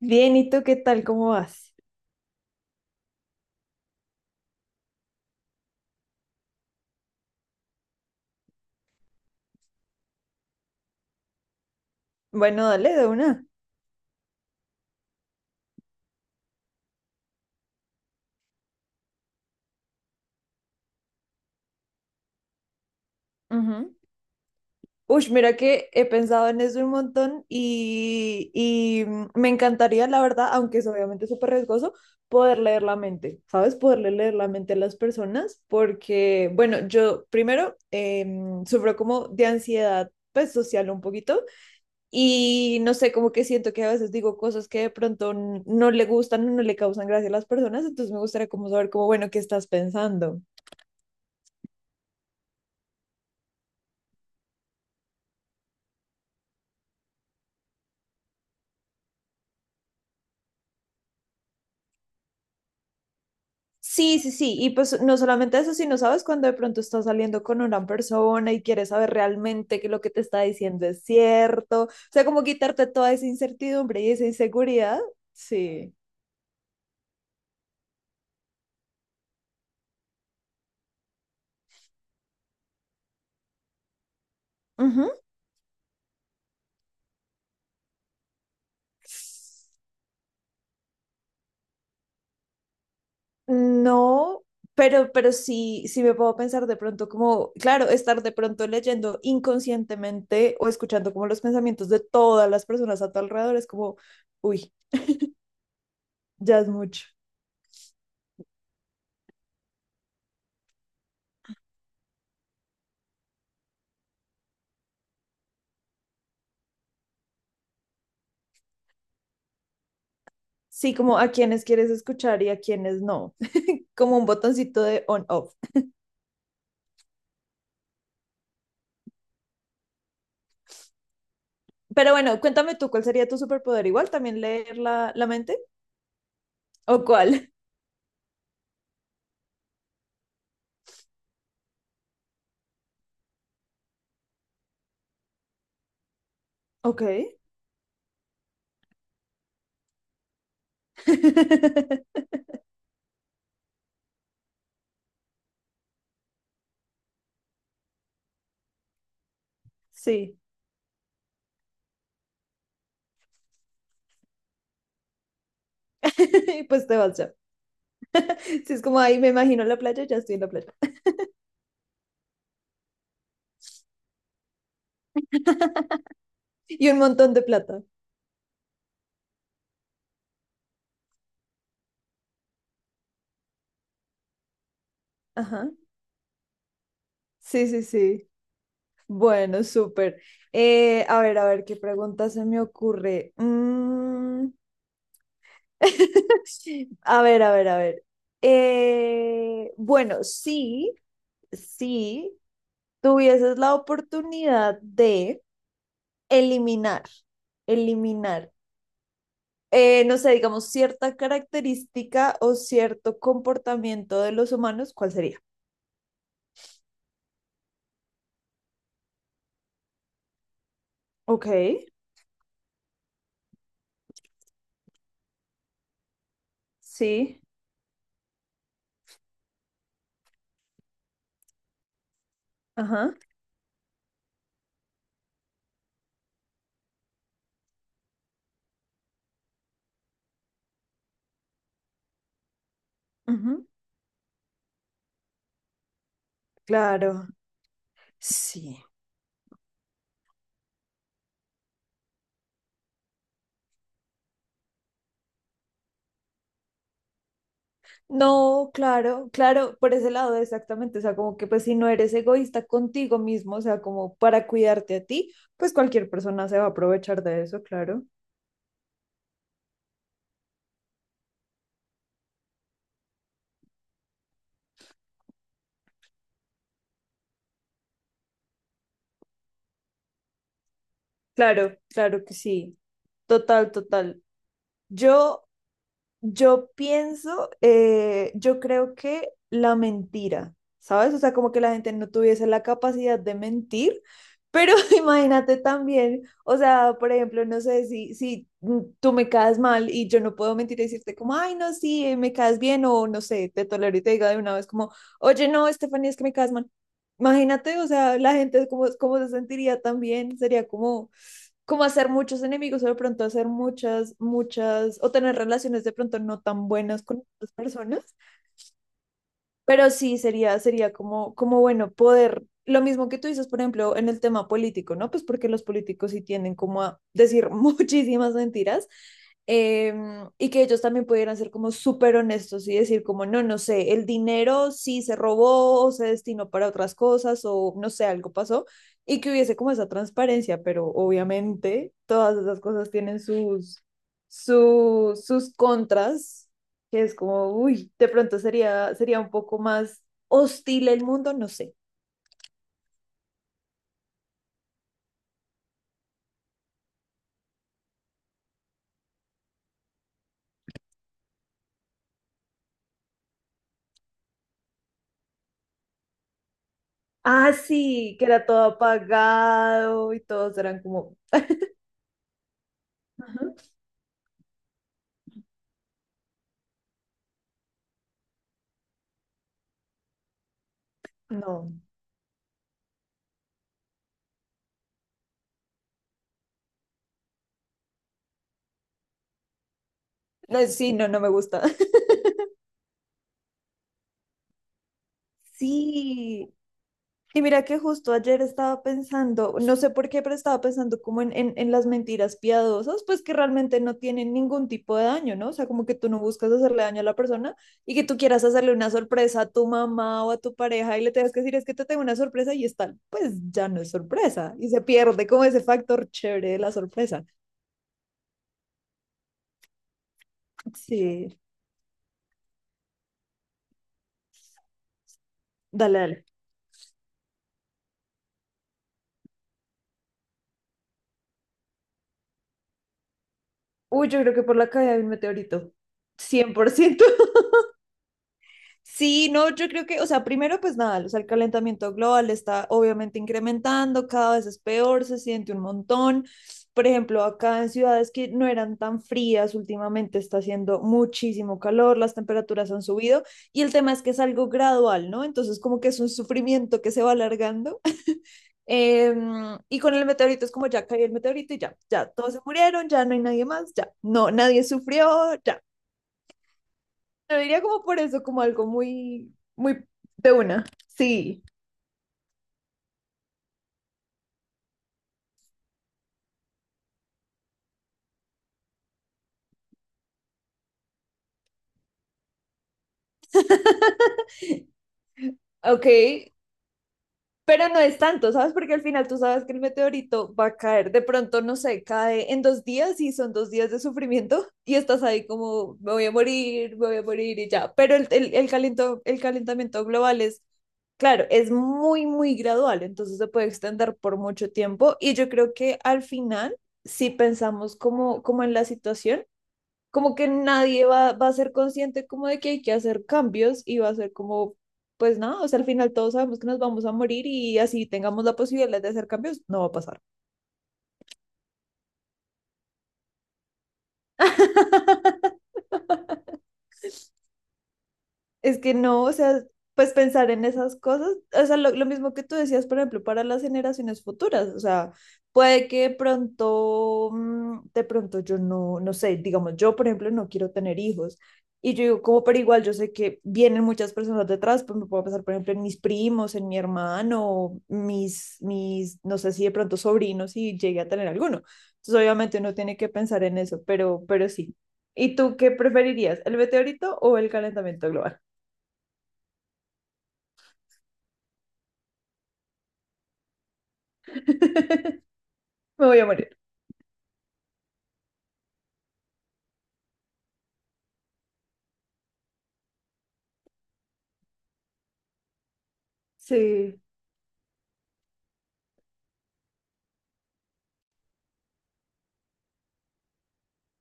Bien, ¿y tú qué tal? ¿Cómo vas? Bueno, dale de una. Ujú. Uy, mira que he pensado en eso un montón y me encantaría, la verdad, aunque es obviamente súper riesgoso, poder leer la mente, ¿sabes? Poderle leer la mente a las personas porque, bueno, yo primero sufro como de ansiedad, pues social un poquito, y no sé, como que siento que a veces digo cosas que de pronto no le gustan o no le causan gracia a las personas, entonces me gustaría como saber como, bueno, ¿qué estás pensando? Sí, sí, sí. Y pues no solamente eso, sino sabes cuando de pronto estás saliendo con una persona y quieres saber realmente que lo que te está diciendo es cierto. O sea, como quitarte toda esa incertidumbre y esa inseguridad. Sí. Ujú. No, pero sí, sí me puedo pensar de pronto como, claro, estar de pronto leyendo inconscientemente o escuchando como los pensamientos de todas las personas a tu alrededor es como, uy, ya es mucho. Sí, como a quienes quieres escuchar y a quienes no, como un botoncito de on-off. Pero bueno, cuéntame tú, ¿cuál sería tu superpoder? ¿Igual también leer la mente? ¿O cuál? Ok. Sí, y pues te vas ya. Sí, es como ahí me imagino la playa, ya estoy en la playa. Y un montón de plata. Ajá. Sí, sí, sí. Bueno, súper. A ver, ¿qué pregunta se me ocurre? Mm. A ver, a ver, a ver. Bueno, sí, sí, tuvieses la oportunidad de eliminar, eliminar, no sé, digamos, cierta característica o cierto comportamiento de los humanos, ¿cuál sería? Ok, sí, ajá, ujú, claro, sí. No, claro, claro, por ese lado exactamente, o sea, como que pues si no eres egoísta contigo mismo, o sea, como para cuidarte a ti, pues cualquier persona se va a aprovechar de eso, claro. Claro, claro que sí, total, total. Yo Yo pienso, yo creo que la mentira, ¿sabes? O sea, como que la gente no tuviese la capacidad de mentir, pero imagínate también, o sea, por ejemplo, no sé si tú me caes mal y yo no puedo mentir y decirte como, ay, no, sí, me caes bien, o no sé, te tolero y te diga de una vez como, oye, no, Estefanía, es que me caes mal. Imagínate, o sea, la gente, ¿cómo, cómo se sentiría también? Sería como, como hacer muchos enemigos o de pronto hacer muchas, muchas, o tener relaciones de pronto no tan buenas con otras personas, pero sí, sería, sería como, como bueno poder, lo mismo que tú dices, por ejemplo, en el tema político, ¿no? Pues porque los políticos sí tienden como a decir muchísimas mentiras, y que ellos también pudieran ser como súper honestos y decir como, no, no sé, el dinero sí se robó o se destinó para otras cosas o no sé, algo pasó y que hubiese como esa transparencia, pero obviamente todas esas cosas tienen sus contras que es como, uy, de pronto sería, sería un poco más hostil el mundo, no sé. Ah, sí, que era todo apagado y todos eran como, ujú, no, no, sí, no, no me gusta. Sí, y mira que justo ayer estaba pensando, no sé por qué, pero estaba pensando como en las mentiras piadosas, pues que realmente no tienen ningún tipo de daño, ¿no? O sea, como que tú no buscas hacerle daño a la persona y que tú quieras hacerle una sorpresa a tu mamá o a tu pareja y le tengas que decir, es que te tengo una sorpresa y es tal, pues ya no es sorpresa y se pierde como ese factor chévere de la sorpresa. Sí, dale, dale. Uy, yo creo que por la caída de un meteorito, 100%. Sí, no, yo creo que, o sea, primero pues nada, o sea, el calentamiento global está obviamente incrementando, cada vez es peor, se siente un montón. Por ejemplo, acá en ciudades que no eran tan frías, últimamente está haciendo muchísimo calor, las temperaturas han subido y el tema es que es algo gradual, ¿no? Entonces como que es un sufrimiento que se va alargando. Em, y con el meteorito es como ya cayó el meteorito y ya, ya, todos se murieron, ya no hay nadie más, ya, no, nadie sufrió, ya. Lo diría como por eso, como algo muy, muy de una. Sí, ok, pero no es tanto, ¿sabes? Porque al final tú sabes que el meteorito va a caer, de pronto, no sé, cae en 2 días y son 2 días de sufrimiento y estás ahí como, me voy a morir, me voy a morir y ya. Pero el calentamiento global es, claro, es muy, muy gradual, entonces se puede extender por mucho tiempo y yo creo que al final, si pensamos como, como en la situación, como que nadie va a ser consciente como de que hay que hacer cambios y va a ser como, pues nada, o sea, al final todos sabemos que nos vamos a morir y así tengamos la posibilidad de hacer cambios, no va a pasar. Es que no, o sea, pues pensar en esas cosas, o sea, lo mismo que tú decías, por ejemplo, para las generaciones futuras, o sea, puede que de pronto, mm, de pronto yo no, no sé, digamos, yo, por ejemplo, no quiero tener hijos. Y yo digo, como, pero igual yo sé que vienen muchas personas detrás, pues me puedo pensar, por ejemplo, en mis primos, en mi hermano, mis, no sé si de pronto sobrinos, si llegué a tener alguno. Entonces, obviamente uno tiene que pensar en eso, pero sí. ¿Y tú qué preferirías, el meteorito o el calentamiento global? Me voy a morir. Sí,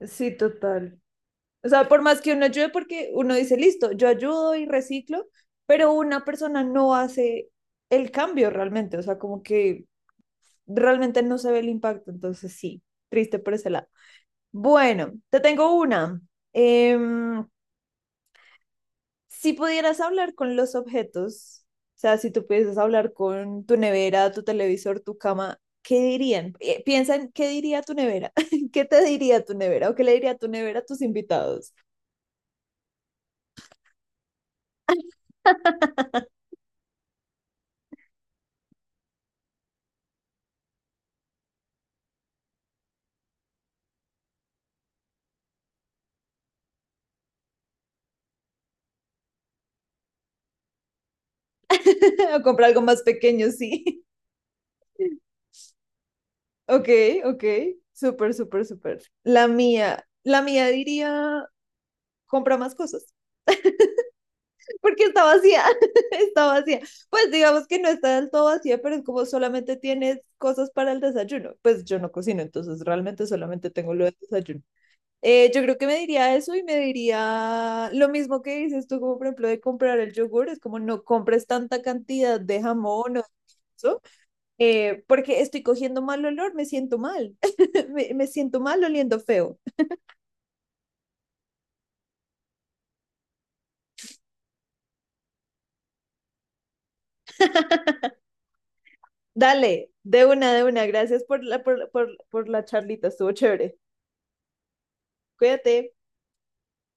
sí, total. O sea, por más que uno ayude, porque uno dice, listo, yo ayudo y reciclo, pero una persona no hace el cambio realmente, o sea, como que realmente no se ve el impacto, entonces sí, triste por ese lado. Bueno, te tengo una. Eh, Si pudieras hablar con los objetos, o sea, si tú pudieras hablar con tu nevera, tu televisor, tu cama, ¿qué dirían? Piensa en qué diría tu nevera, qué te diría tu nevera o qué le diría tu nevera a tus invitados. O comprar algo más pequeño, sí. Ok, ok, súper, súper, súper. La mía diría, compra más cosas, porque está vacía, está vacía. Pues digamos que no está del todo vacía, pero es como solamente tienes cosas para el desayuno. Pues yo no cocino, entonces realmente solamente tengo lo del desayuno. Yo creo que me diría eso y me diría lo mismo que dices tú, como por ejemplo de comprar el yogur, es como no compres tanta cantidad de jamón o eso, porque estoy cogiendo mal olor, me siento mal, me siento mal oliendo feo. Dale, de una, gracias por la charlita, estuvo chévere. Cuídate.